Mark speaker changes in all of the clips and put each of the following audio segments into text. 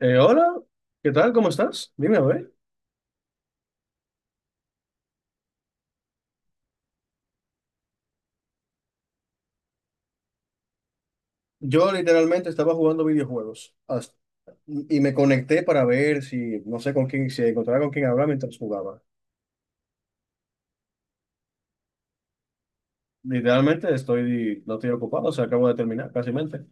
Speaker 1: Hola, ¿qué tal? ¿Cómo estás? Dime a ver. Yo literalmente estaba jugando videojuegos hasta- y me conecté para ver si, no sé con quién, si encontraba con quién hablar mientras jugaba. Literalmente estoy, no estoy ocupado, o sea, acabo de terminar, casi mente.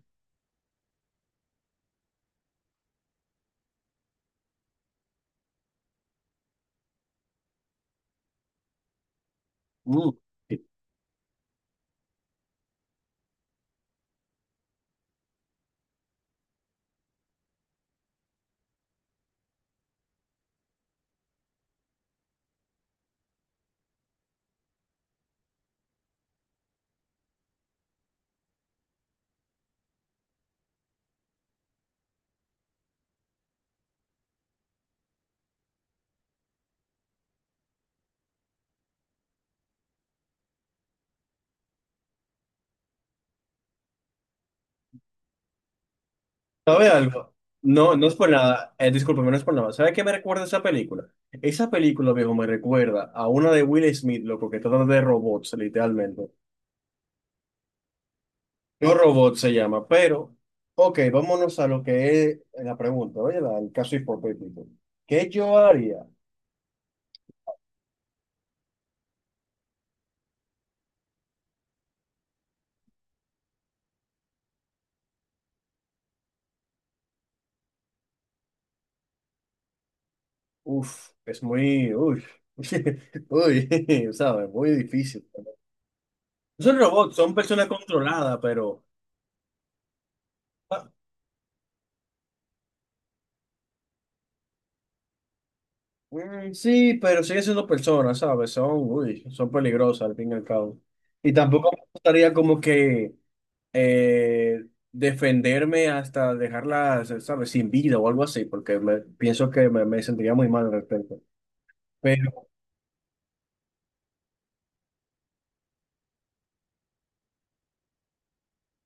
Speaker 1: Mm. ¿Sabe algo? No, no es por nada, discúlpame, no es por nada. ¿Sabe qué me recuerda esa película? Esa película, viejo, me recuerda a una de Will Smith, loco, que trata de robots, literalmente. No Robot se llama, pero, ok, vámonos a lo que es la pregunta, oye, el caso hipotético. ¿Qué yo haría? Uf, es muy, uy, uy, ¿sabes? Muy difícil. No son robots, son personas controladas, pero, ah, mm, sí, pero siguen siendo personas, ¿sabes? Son, uy, son peligrosas al fin y al cabo. Y tampoco me gustaría como que eh, defenderme hasta dejarla, ¿sabes? Sin vida o algo así, porque pienso que me sentiría muy mal al respecto. Pero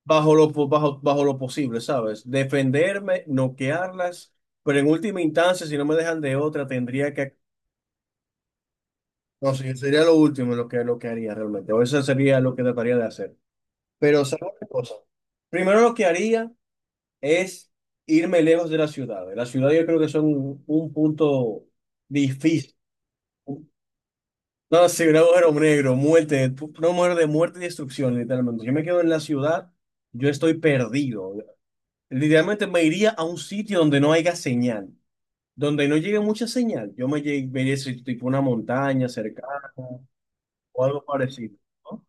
Speaker 1: bajo lo posible, ¿sabes? Defenderme, noquearlas, pero en última instancia, si no me dejan de otra, tendría que... No sé, sería lo último lo que haría realmente, o eso sería lo que trataría de hacer. Pero, ¿sabes una cosa? Primero lo que haría es irme lejos de la ciudad. La ciudad yo creo que son un punto difícil. No, sí, un agujero negro, una muerte de muerte y destrucción, literalmente. Yo me quedo en la ciudad, yo estoy perdido. Literalmente me iría a un sitio donde no haya señal, donde no llegue mucha señal. Me iría a ese tipo una montaña cercana o algo parecido. ¿No?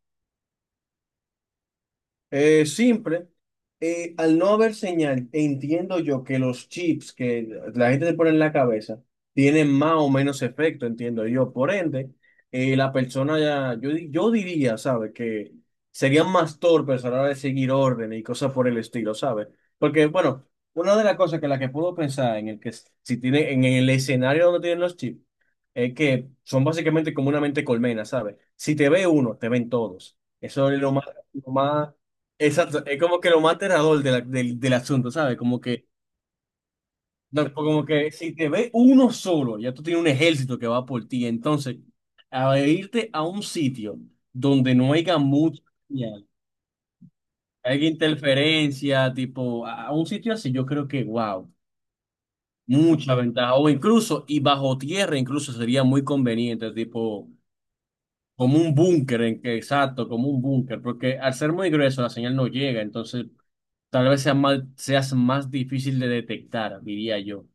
Speaker 1: Simple. Al no haber señal, entiendo yo que los chips que la gente se pone en la cabeza tienen más o menos efecto, entiendo yo. Por ende, la persona ya, yo, di- yo diría, ¿sabes? Que serían más torpes a la hora de seguir órdenes y cosas por el estilo, ¿sabes? Porque, bueno, una de las cosas que la que puedo pensar en el que s- si tiene, en el escenario donde tienen los chips, es que son básicamente como una mente colmena, ¿sabes? Si te ve uno, te ven todos. Eso es lo más exacto, es como que lo más aterrador de del asunto, ¿sabes? Como que, no, como que si te ve uno solo, ya tú tienes un ejército que va por ti. Entonces, a irte a un sitio donde no haya mucha señal, haya interferencia, tipo, a un sitio así, yo creo que, wow, mucha ventaja. O incluso, y bajo tierra, incluso sería muy conveniente, tipo. Como un búnker, en exacto, como un búnker, porque al ser muy grueso la señal no llega, entonces tal vez seas más difícil de detectar, diría yo.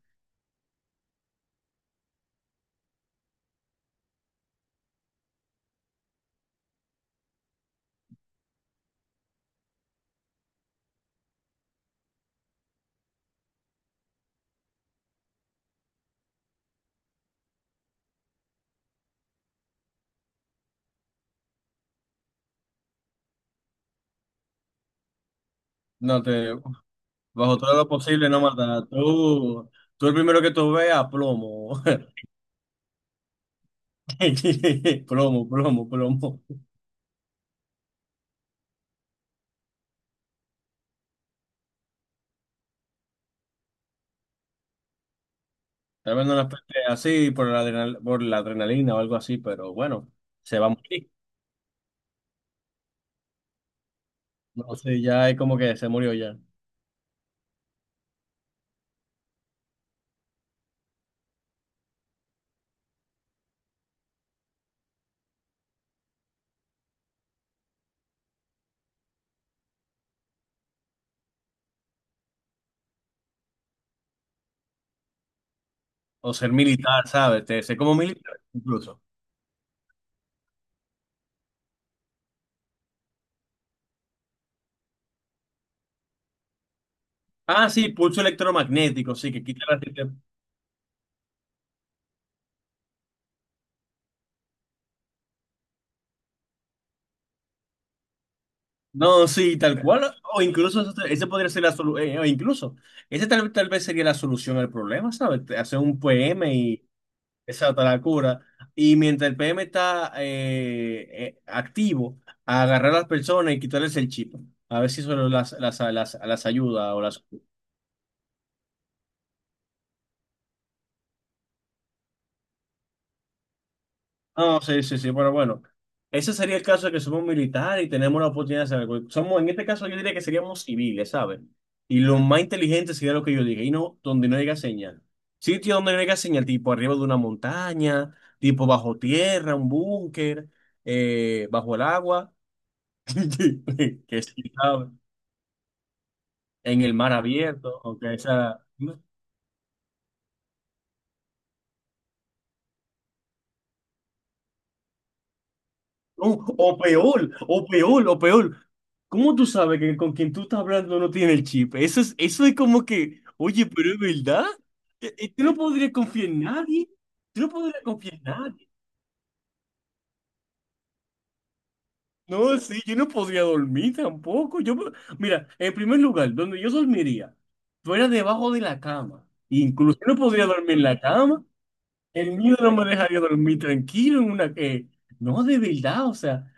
Speaker 1: No te, bajo todo lo posible, no matar. Tú el primero que tú veas, plomo. Plomo, plomo, plomo. Tal vez no las peste así por por la adrenalina o algo así, pero bueno, se va a morir. No sé, ya es como que se murió ya. O ser militar, ¿sabes? Sé como militar, incluso. Ah, sí, pulso electromagnético, sí, que quita la... tele- No, sí, tal cual. Ese podría ser la solución. O incluso, tal vez sería la solución al problema, ¿sabes? Te- Hacer un PM y esa otra la cura. Y mientras el PM está activo, a agarrar a las personas y quitarles el chip. A ver si eso las ayuda o las... No, sí, sí, sí, pero bueno, ese sería el caso de que somos militares y tenemos la oportunidad de hacer algo. Somos, en este caso yo diría que seríamos civiles, ¿sabes? Y lo más inteligente sería lo que yo diga, y no donde no llega señal. Sitio donde no llega señal, tipo arriba de una montaña, tipo bajo tierra, un búnker, bajo el agua, que sí, ¿sabes? En el mar abierto, aunque esa... No, o peor, o peor. ¿Cómo tú sabes que con quien tú estás hablando no tiene el chip? Eso es como que, oye, pero es verdad. Tú no podrías confiar en nadie. Tú no podrías confiar en nadie. No, sí, yo no podría dormir tampoco. Mira, en primer lugar, donde yo dormiría, fuera debajo de la cama. Incluso yo no podría dormir en la cama. El miedo no me dejaría dormir tranquilo en una... no, de verdad, o sea.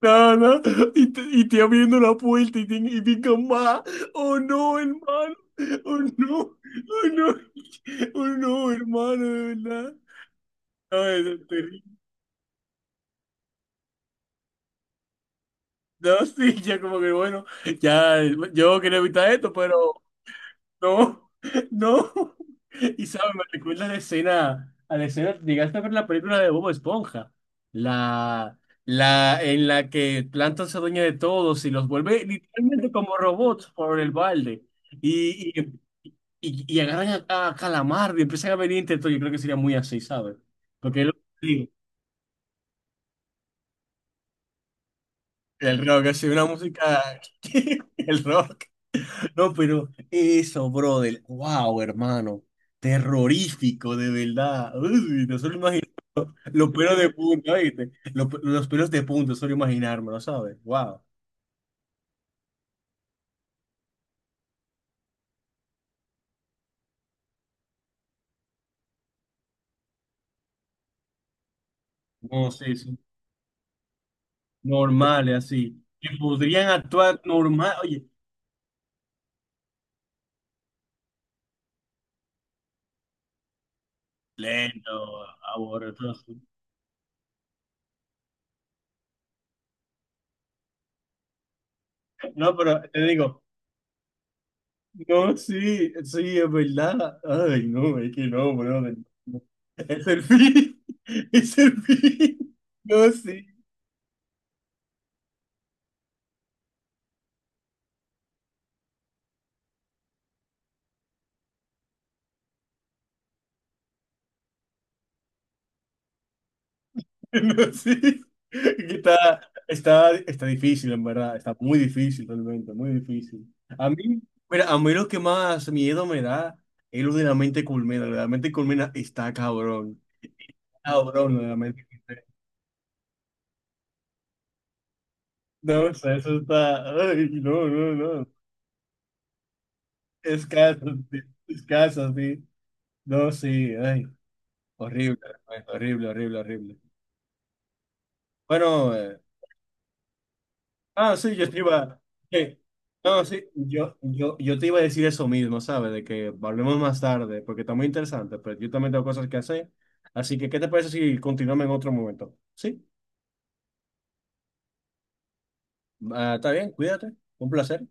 Speaker 1: No, no. Y, y te abriendo la puerta y, y pican más. Oh no, hermano. Oh no. Oh no. Oh no, hermano, de verdad. No, es terrible. No, sí, ya como que bueno, ya yo quería evitar esto, pero no, no. Y sabes, me recuerda a la escena, llegaste a ver la película de Bob Esponja, la, la en la que Plankton se dueña de todos y los vuelve literalmente como robots por el balde. Y, y, y agarran a Calamardo y empiezan a venir intentos. Yo creo que sería muy así, ¿sabes? Porque es lo que digo, el rock, así, una música, el rock. No, pero eso, brother. Wow, hermano. Terrorífico, de verdad. Uy, no solo imagino. Los pelos de punta, ¿viste? Los pelos de punta, no solo imaginármelo, ¿sabes? Wow. No, sí, sí. Normales, así. Que podrían actuar normal. Oye, lento, aborretoso. No, pero te digo, no, sí, sí, es verdad. Ay, no, es que no, brother. Es el fin. Es el fin. No, sí. No, sí. Está difícil, en verdad. Está muy difícil, realmente, muy difícil. A mí, mira, a mí lo que más miedo me da es lo de la mente culmina. Lo de la mente culmina está cabrón. Cabrón, lo de la mente culmina. No, o sea, eso está. Ay, no, no, no. Escaso, sí. Escaso, sí. No, sí, ay. Horrible, horrible. Bueno, ah, sí, yo te iba. eh, No, sí, yo te iba a decir eso mismo, ¿sabes? De que hablemos más tarde, porque está muy interesante, pero yo también tengo cosas que hacer. Así que, ¿qué te parece si continuamos en otro momento? Sí, ah, está bien, cuídate, un placer.